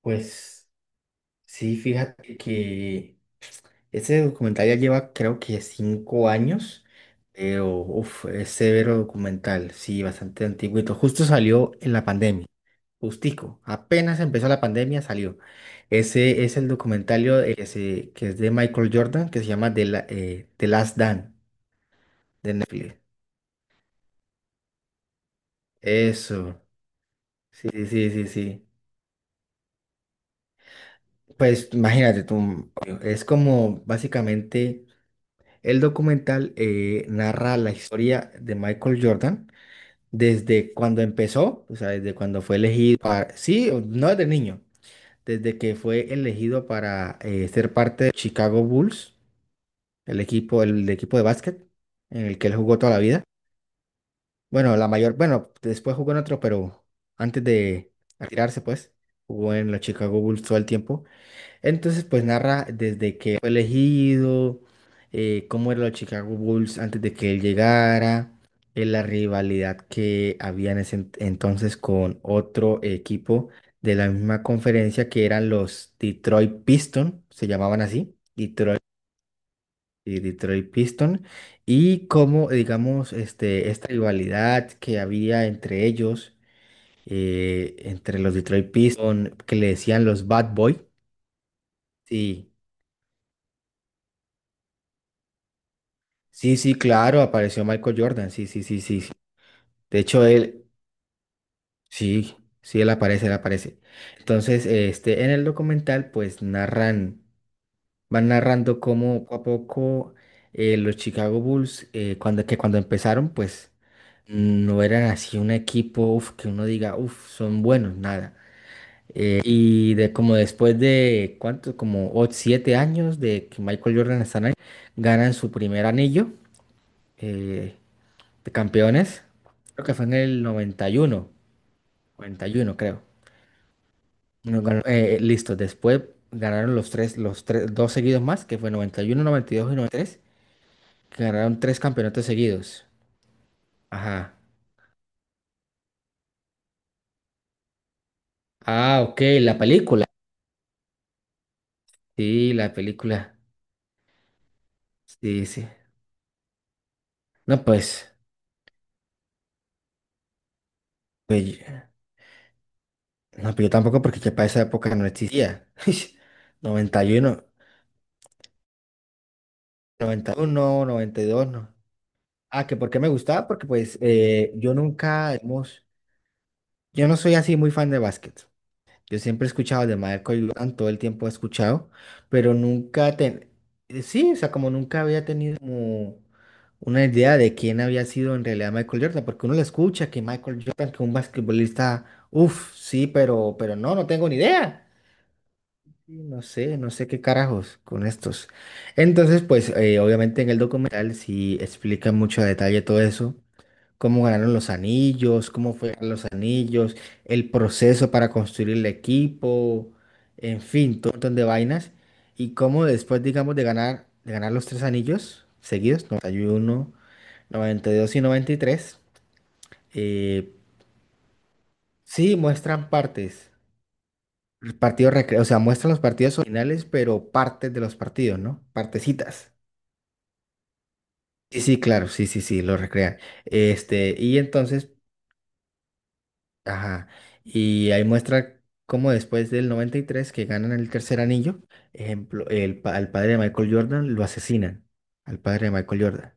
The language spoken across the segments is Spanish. Pues sí, fíjate que ese documental ya lleva creo que 5 años, pero uf, es severo documental, sí, bastante antiguito. Justo salió en la pandemia, justico, apenas empezó la pandemia salió. Ese es el documentario que, que es de Michael Jordan, que se llama The Last Dance de Netflix. Eso, sí, sí, sí, sí. Pues imagínate tú, es como básicamente el documental narra la historia de Michael Jordan desde cuando empezó, o sea, desde cuando fue elegido para, sí, no desde niño, desde que fue elegido para ser parte de Chicago Bulls, el equipo, el equipo de básquet en el que él jugó toda la vida. Bueno, la mayor, bueno, después jugó en otro, pero antes de retirarse, pues, jugó en los Chicago Bulls todo el tiempo. Entonces, pues narra desde que fue elegido, cómo eran los Chicago Bulls antes de que él llegara, la rivalidad que había en ese entonces con otro equipo de la misma conferencia que eran los Detroit Pistons, se llamaban así, Detroit, Detroit Pistons, y cómo, digamos, este, esta rivalidad que había entre ellos, entre los Detroit Pistons, que le decían los Bad Boy, sí. Sí, sí, claro, apareció Michael Jordan, sí, sí, sí, sí, sí. De hecho, él, sí, sí, él aparece, él aparece. Entonces, este, en el documental, pues narran, van narrando cómo poco a poco los Chicago Bulls, cuando, que cuando empezaron, pues no eran así un equipo, uf, que uno diga, uf, son buenos, nada. Y de como después de, ¿cuánto? Como 7 años de que Michael Jordan está ahí, ganan su primer anillo. eh, de campeones. Creo que fue en el 91 91 creo. Listo, después ganaron los tres, dos seguidos más, que fue 91 92 y 93 que ganaron tres campeonatos seguidos. Ajá. Ah, ok, la película. Sí, la película. Sí, sí. No, pues, pues, yo- no, pues yo tampoco porque ya para esa época no existía. 90 noventa y uno 91 noventa y dos no. Ah, que por qué me gustaba, porque pues yo nunca, hemos... Yo no soy así muy fan de básquet. Yo siempre he escuchado de Michael Jordan, todo el tiempo he escuchado, pero nunca ten... sí, o sea, como nunca había tenido como una idea de quién había sido en realidad Michael Jordan, porque uno le escucha que Michael Jordan, que un basquetbolista, uff, sí, pero no, no tengo ni idea. Y no sé, no sé qué carajos con estos. Entonces, pues, obviamente en el documental sí explican mucho a detalle todo eso, cómo ganaron los anillos, cómo fue los anillos, el proceso para construir el equipo, en fin, todo un montón de vainas. Y cómo después, digamos, de ganar los tres anillos seguidos, 91, 92 y 93, eh, sí muestran partes, o sea, muestran los partidos originales, pero partes de los partidos, ¿no? Partecitas. Sí, sí, claro, sí, sí, sí, lo recrean. Este, y entonces, ajá. Y ahí muestra cómo después del 93 que ganan el tercer anillo, ejemplo, al padre de Michael Jordan lo asesinan. Al padre de Michael Jordan.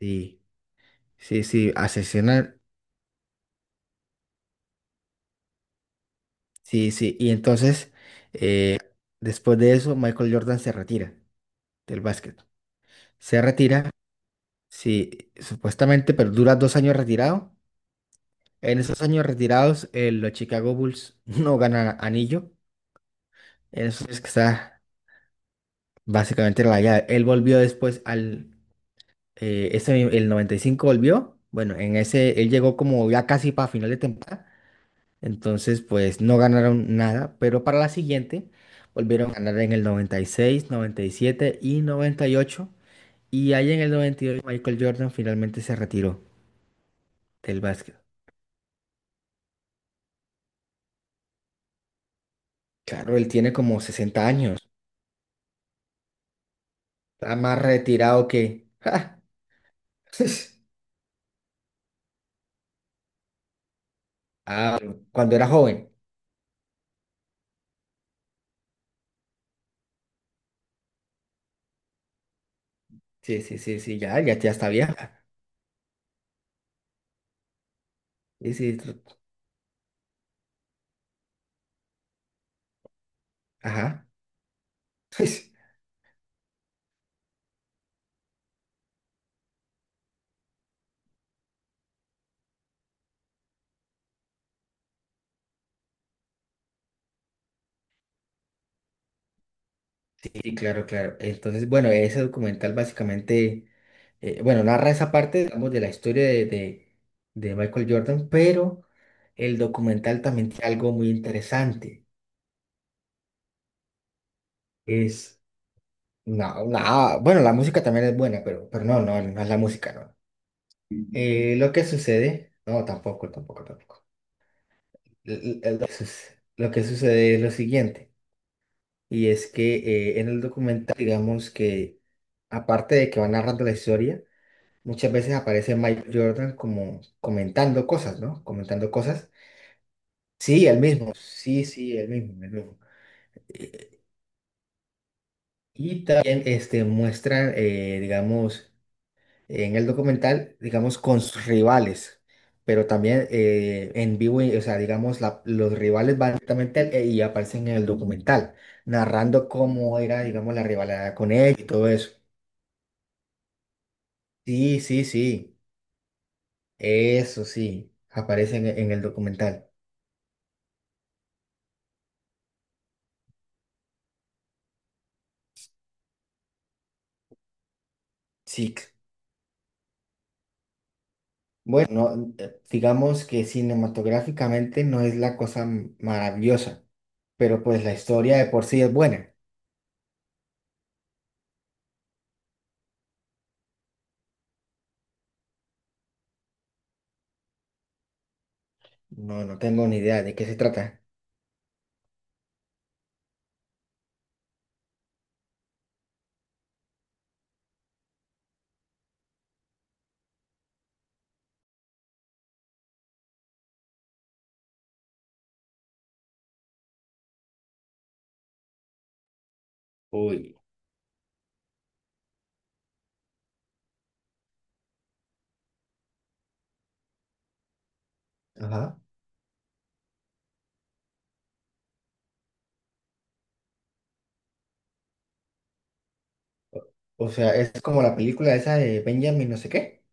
Sí, sí, sí, asesinan. Sí, sí. Y entonces, después de eso, Michael Jordan se retira del básquet. Se retira, sí, supuestamente, pero dura 2 años retirado. En esos años retirados, los Chicago Bulls no ganan anillo. En esos años que está básicamente en la llave. Él volvió después al el 95 volvió. Bueno, en ese él llegó como ya casi para final de temporada. Entonces, pues no ganaron nada, pero para la siguiente volvieron a ganar en el 96, 97 y 98. Y 98. Y ahí en el 98 Michael Jordan finalmente se retiró del básquet. Claro, él tiene como 60 años. Está más retirado que... ¡Ja! Ah, cuando era joven. Sí, sí, sí, sí, ya, ya, ya está vieja. Sí, ajá. Sí, claro, claro. Entonces, bueno, ese documental básicamente, bueno, narra esa parte, digamos, de la historia de, de Michael Jordan, pero el documental también tiene algo muy interesante. Es, no, no, bueno, la música también es buena, pero no, no, no es la música, no. Lo que sucede, no, tampoco, tampoco, tampoco. Lo que sucede es lo siguiente, y es que en el documental, digamos que, aparte de que va narrando la historia, muchas veces aparece Mike Jordan como comentando cosas, ¿no? Comentando cosas. Sí, el mismo. Sí, sí, el mismo, el mismo. Eh, Y también este, muestran, digamos, en el documental, digamos, con sus rivales, pero también en vivo, o sea, digamos, los rivales van directamente y aparecen en el documental, narrando cómo era, digamos, la rivalidad con él y todo eso. Sí, sí, sí. Eso sí, aparecen en el documental. Sí. Bueno, no, digamos que cinematográficamente no es la cosa maravillosa, pero pues la historia de por sí es buena. No, no tengo ni idea de qué se trata. Uy, ajá. O o sea, es como la película esa de Benjamin no sé qué.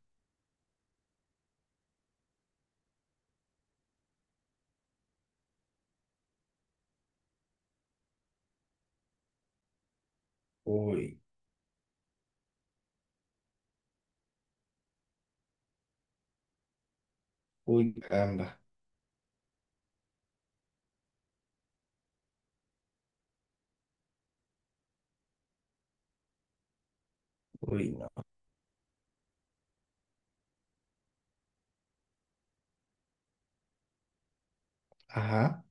Uy, uy, caramba. Uy, no. Ajá,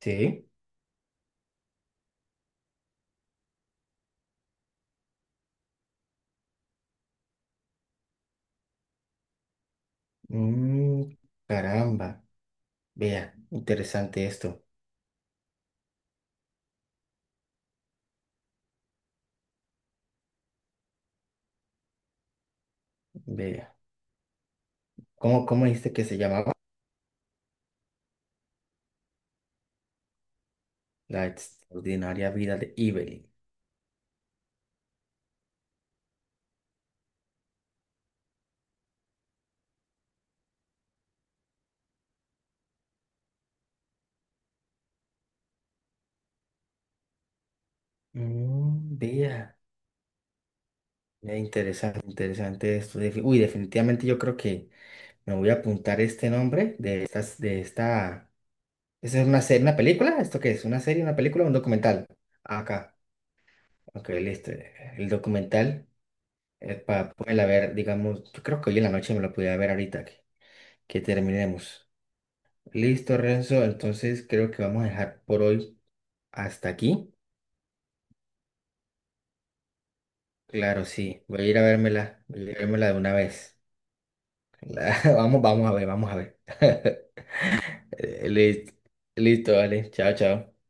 sí. Mm, caramba. Vea, interesante esto. Vea. ¿Cómo, cómo dijiste que se llamaba? La extraordinaria vida de Evelyn. Mm, vea. Interesante, interesante esto. Uy, definitivamente yo creo que me voy a apuntar este nombre de estas, de esta. ¿Esa es una serie, una película? ¿Esto qué es? ¿Una serie, una película o un documental? Ah, acá. Ok, listo. El documental, para poderla ver, digamos, yo creo que hoy en la noche me lo podía ver ahorita que terminemos. Listo, Renzo. Entonces creo que vamos a dejar por hoy hasta aquí. Claro, sí. Voy a ir a vérmela, voy a ir a vérmela de una vez. Vamos, vamos a ver, vamos a ver. Eh, li- Listo, vale. Chao, chao.